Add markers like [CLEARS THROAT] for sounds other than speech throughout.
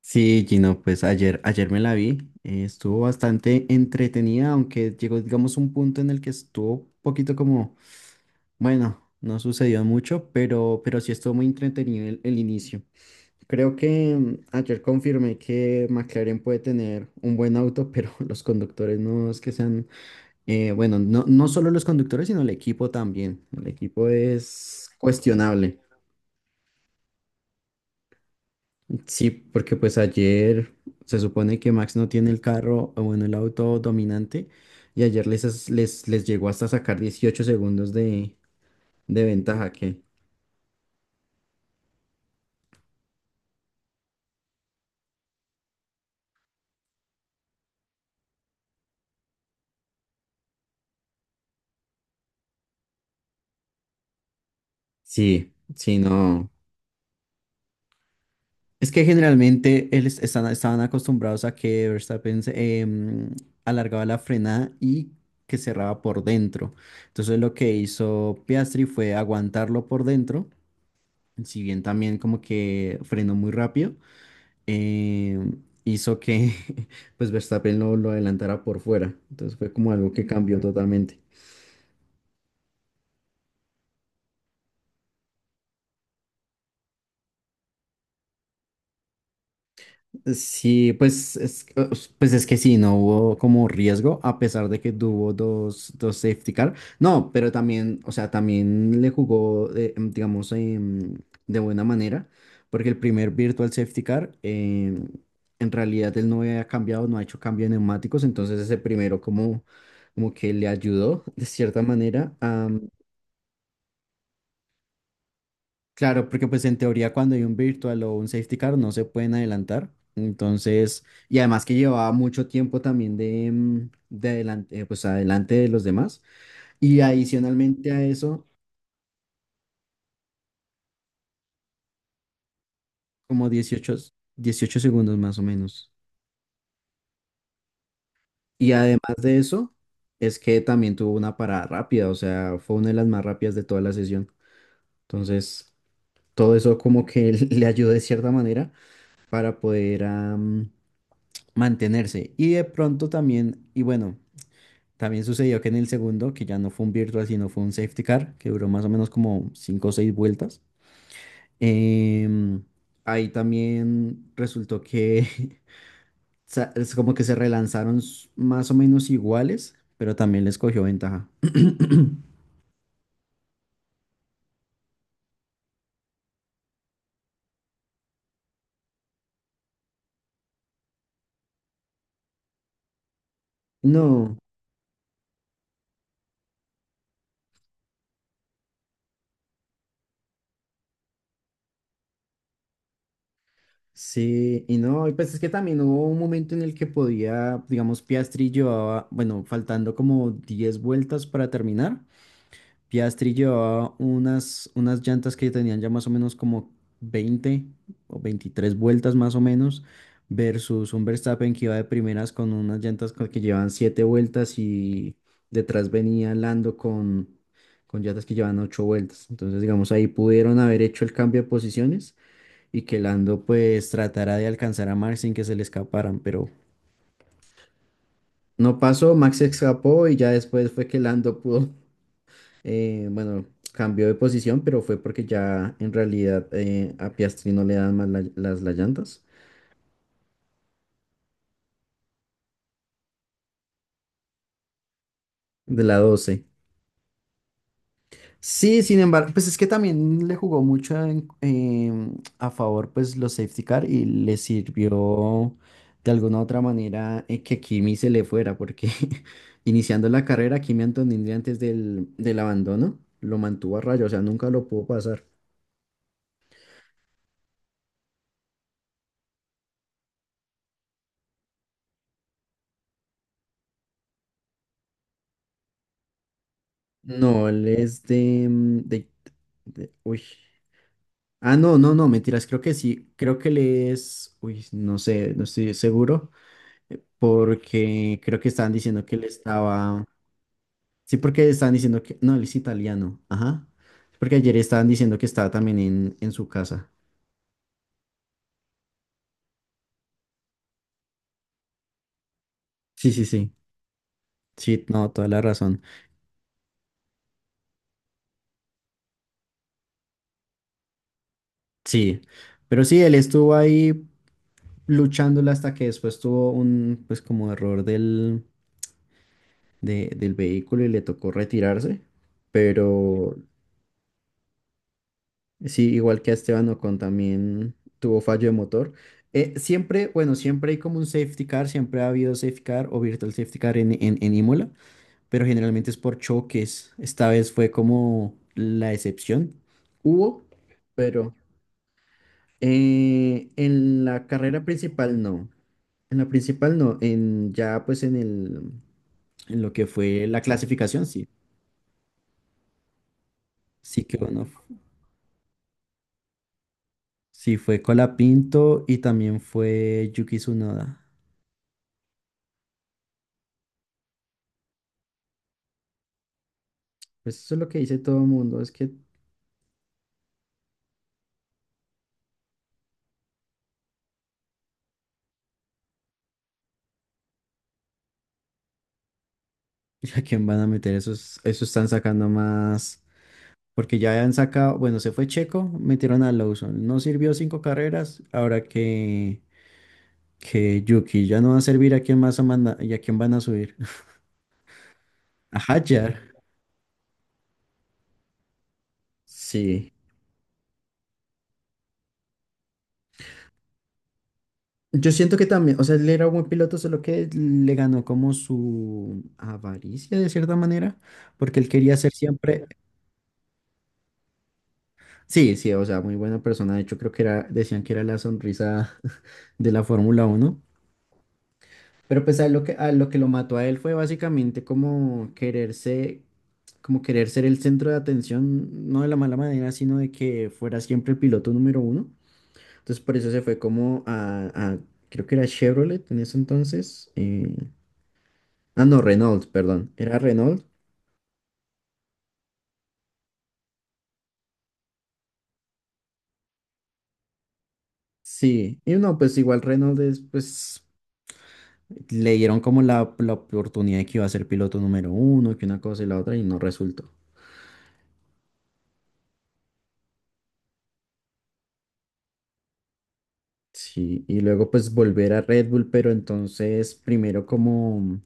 Sí, Gino, pues ayer me la vi, estuvo bastante entretenida, aunque llegó, digamos, un punto en el que estuvo un poquito como, bueno, no sucedió mucho, pero sí estuvo muy entretenido el inicio. Creo que ayer confirmé que McLaren puede tener un buen auto, pero [LAUGHS] los conductores no es que sean, bueno, no solo los conductores, sino el equipo también. El equipo es cuestionable. Sí, porque pues ayer se supone que Max no tiene el carro, o bueno, el auto dominante, y ayer les llegó hasta sacar 18 segundos de ventaja, que sí, sí, no. Es que generalmente estaban acostumbrados a que Verstappen alargaba la frenada y que cerraba por dentro. Entonces lo que hizo Piastri fue aguantarlo por dentro, si bien también como que frenó muy rápido, eh, hizo que [LAUGHS] pues Verstappen lo adelantara por fuera. Entonces fue como algo que cambió totalmente. Sí, pues es que sí, no hubo como riesgo, a pesar de que tuvo dos safety car. No, pero también, o sea, también le jugó, digamos, de buena manera, porque el primer virtual safety car, en realidad él no había cambiado, no ha hecho cambio de neumáticos, entonces ese primero como, como que le ayudó de cierta manera. Claro, porque pues en teoría cuando hay un virtual o un safety car no se pueden adelantar. Entonces, y además que llevaba mucho tiempo también de, de adelante, pues adelante de los demás. Y adicionalmente a eso, como 18 segundos más o menos. Y además de eso, es que también tuvo una parada rápida, o sea, fue una de las más rápidas de toda la sesión. Entonces, todo eso como que [LAUGHS] le ayudó de cierta manera para poder, mantenerse. Y de pronto también, y bueno. También sucedió que en el segundo, que ya no fue un virtual, sino fue un safety car, que duró más o menos como 5 o 6 vueltas. em, Ahí también resultó que [LAUGHS] es como que se relanzaron más o menos iguales, pero también les cogió ventaja. [CLEARS THROAT] No, sí, y no, y pues es que también hubo un momento en el que podía, digamos, Piastri llevaba, bueno, faltando como 10 vueltas para terminar, Piastri llevaba unas llantas que tenían ya más o menos como 20 o 23 vueltas más o menos, versus un Verstappen que iba de primeras con unas llantas que llevaban 7 vueltas y detrás venía Lando con llantas que llevaban 8 vueltas. Entonces, digamos, ahí pudieron haber hecho el cambio de posiciones y que Lando pues tratara de alcanzar a Max sin que se le escaparan, pero no pasó, Max se escapó y ya después fue que Lando pudo, eh, bueno, cambió de posición, pero fue porque ya en realidad, a Piastri no le dan más las llantas de la 12. Sí, sin embargo, pues es que también le jugó mucho a favor pues los safety car y le sirvió de alguna u otra manera, que Kimi se le fuera, porque [LAUGHS] iniciando la carrera, Kimi Antonelli antes del abandono lo mantuvo a raya, o sea, nunca lo pudo pasar. No, él es de, uy. Ah, no, no, no, mentiras, creo que sí, creo que le es, uy, no sé, no estoy seguro, porque creo que estaban diciendo que él estaba, sí, porque estaban diciendo que, no, él es italiano, ajá, porque ayer estaban diciendo que estaba también en su casa. Sí, sí, sí, sí, no, toda la razón, sí, pero sí, él estuvo ahí luchándola hasta que después tuvo un, pues como error del vehículo y le tocó retirarse, pero sí, igual que a Esteban Ocon también tuvo fallo de motor. Siempre, bueno, siempre hay como un safety car, siempre ha habido safety car o virtual safety car en Imola, pero generalmente es por choques. Esta vez fue como la excepción. Hubo, pero en la carrera principal no. En la principal no, en ya pues en lo que fue la clasificación, sí. Sí que bueno, sí fue Colapinto y también fue Yuki Tsunoda. Pues eso es lo que dice todo el mundo, es que [LAUGHS] ¿a quién van a meter esos? Eso están sacando más, porque ya han sacado, bueno, se fue Checo, metieron a Lawson, no sirvió cinco carreras, ahora que Yuki ya no va a servir, ¿a quién más y a quién van a subir? [LAUGHS] A Hadjar, sí. Yo siento que también, o sea, él era un buen piloto, solo que le ganó como su avaricia de cierta manera, porque él quería ser siempre, sí, sí, o sea, muy buena persona, de hecho creo que era, decían que era la sonrisa [LAUGHS] de la Fórmula Uno. Pero pues a lo que lo mató a él fue básicamente como quererse, como querer ser el centro de atención, no de la mala manera, sino de que fuera siempre el piloto número uno. Entonces por eso se fue como creo que era Chevrolet en ese entonces. Ah, no, Renault, perdón. Era Renault. Sí. Y no, pues igual Renault es, pues le dieron como la oportunidad de que iba a ser piloto número uno, que una cosa y la otra, y no resultó. Sí, y luego pues volver a Red Bull, pero entonces primero como,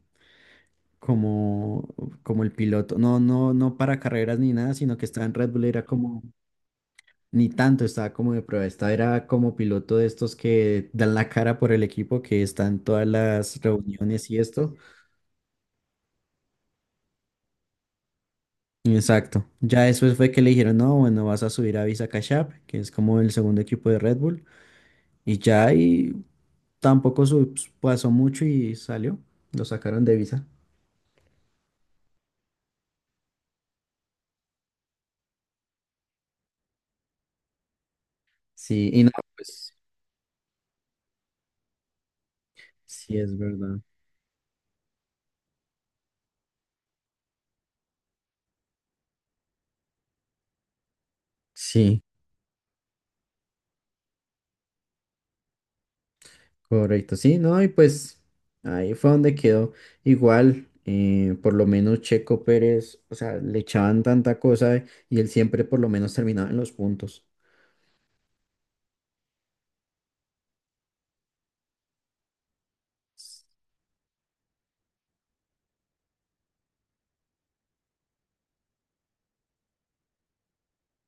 como, como el piloto, no para carreras ni nada, sino que estaba en Red Bull, era como, ni tanto, estaba como de prueba, estaba era como piloto de estos que dan la cara por el equipo, que están todas las reuniones y esto. Exacto, ya después fue que le dijeron, no, bueno, vas a subir a Visa Cash App, que es como el segundo equipo de Red Bull, y ya y tampoco pasó mucho y salió, lo sacaron de Visa. Sí, y no, pues sí es verdad. Sí, correcto. Sí, no, y pues ahí fue donde quedó. Igual, por lo menos Checo Pérez, o sea, le echaban tanta cosa y él siempre por lo menos terminaba en los puntos.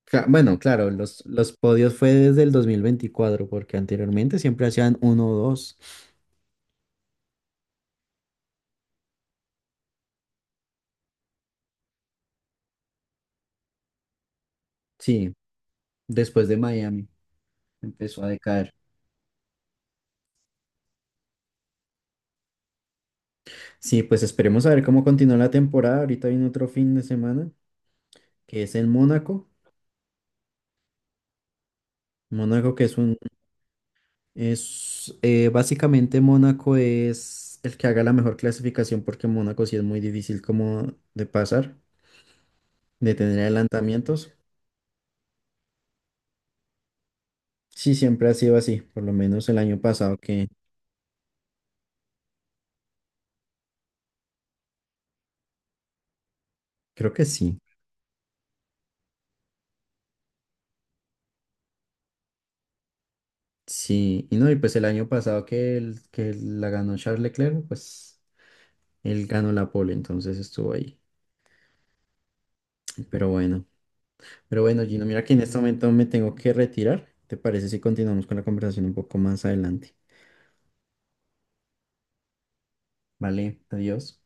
Bueno, claro, los podios fue desde el 2024 porque anteriormente siempre hacían uno o dos. Sí, después de Miami empezó a decaer. Sí, pues esperemos a ver cómo continúa la temporada. Ahorita viene otro fin de semana, que es en Mónaco. Mónaco, que es un, es, básicamente Mónaco es el que haga la mejor clasificación porque Mónaco sí es muy difícil como de pasar, de tener adelantamientos. Sí, siempre ha sido así, por lo menos el año pasado que creo que sí. Sí, y no, y pues el año pasado que, el, que la ganó Charles Leclerc, pues él ganó la pole, entonces estuvo ahí. Pero bueno, pero bueno, Gino, mira que en este momento me tengo que retirar. ¿Te parece si continuamos con la conversación un poco más adelante? Vale, adiós.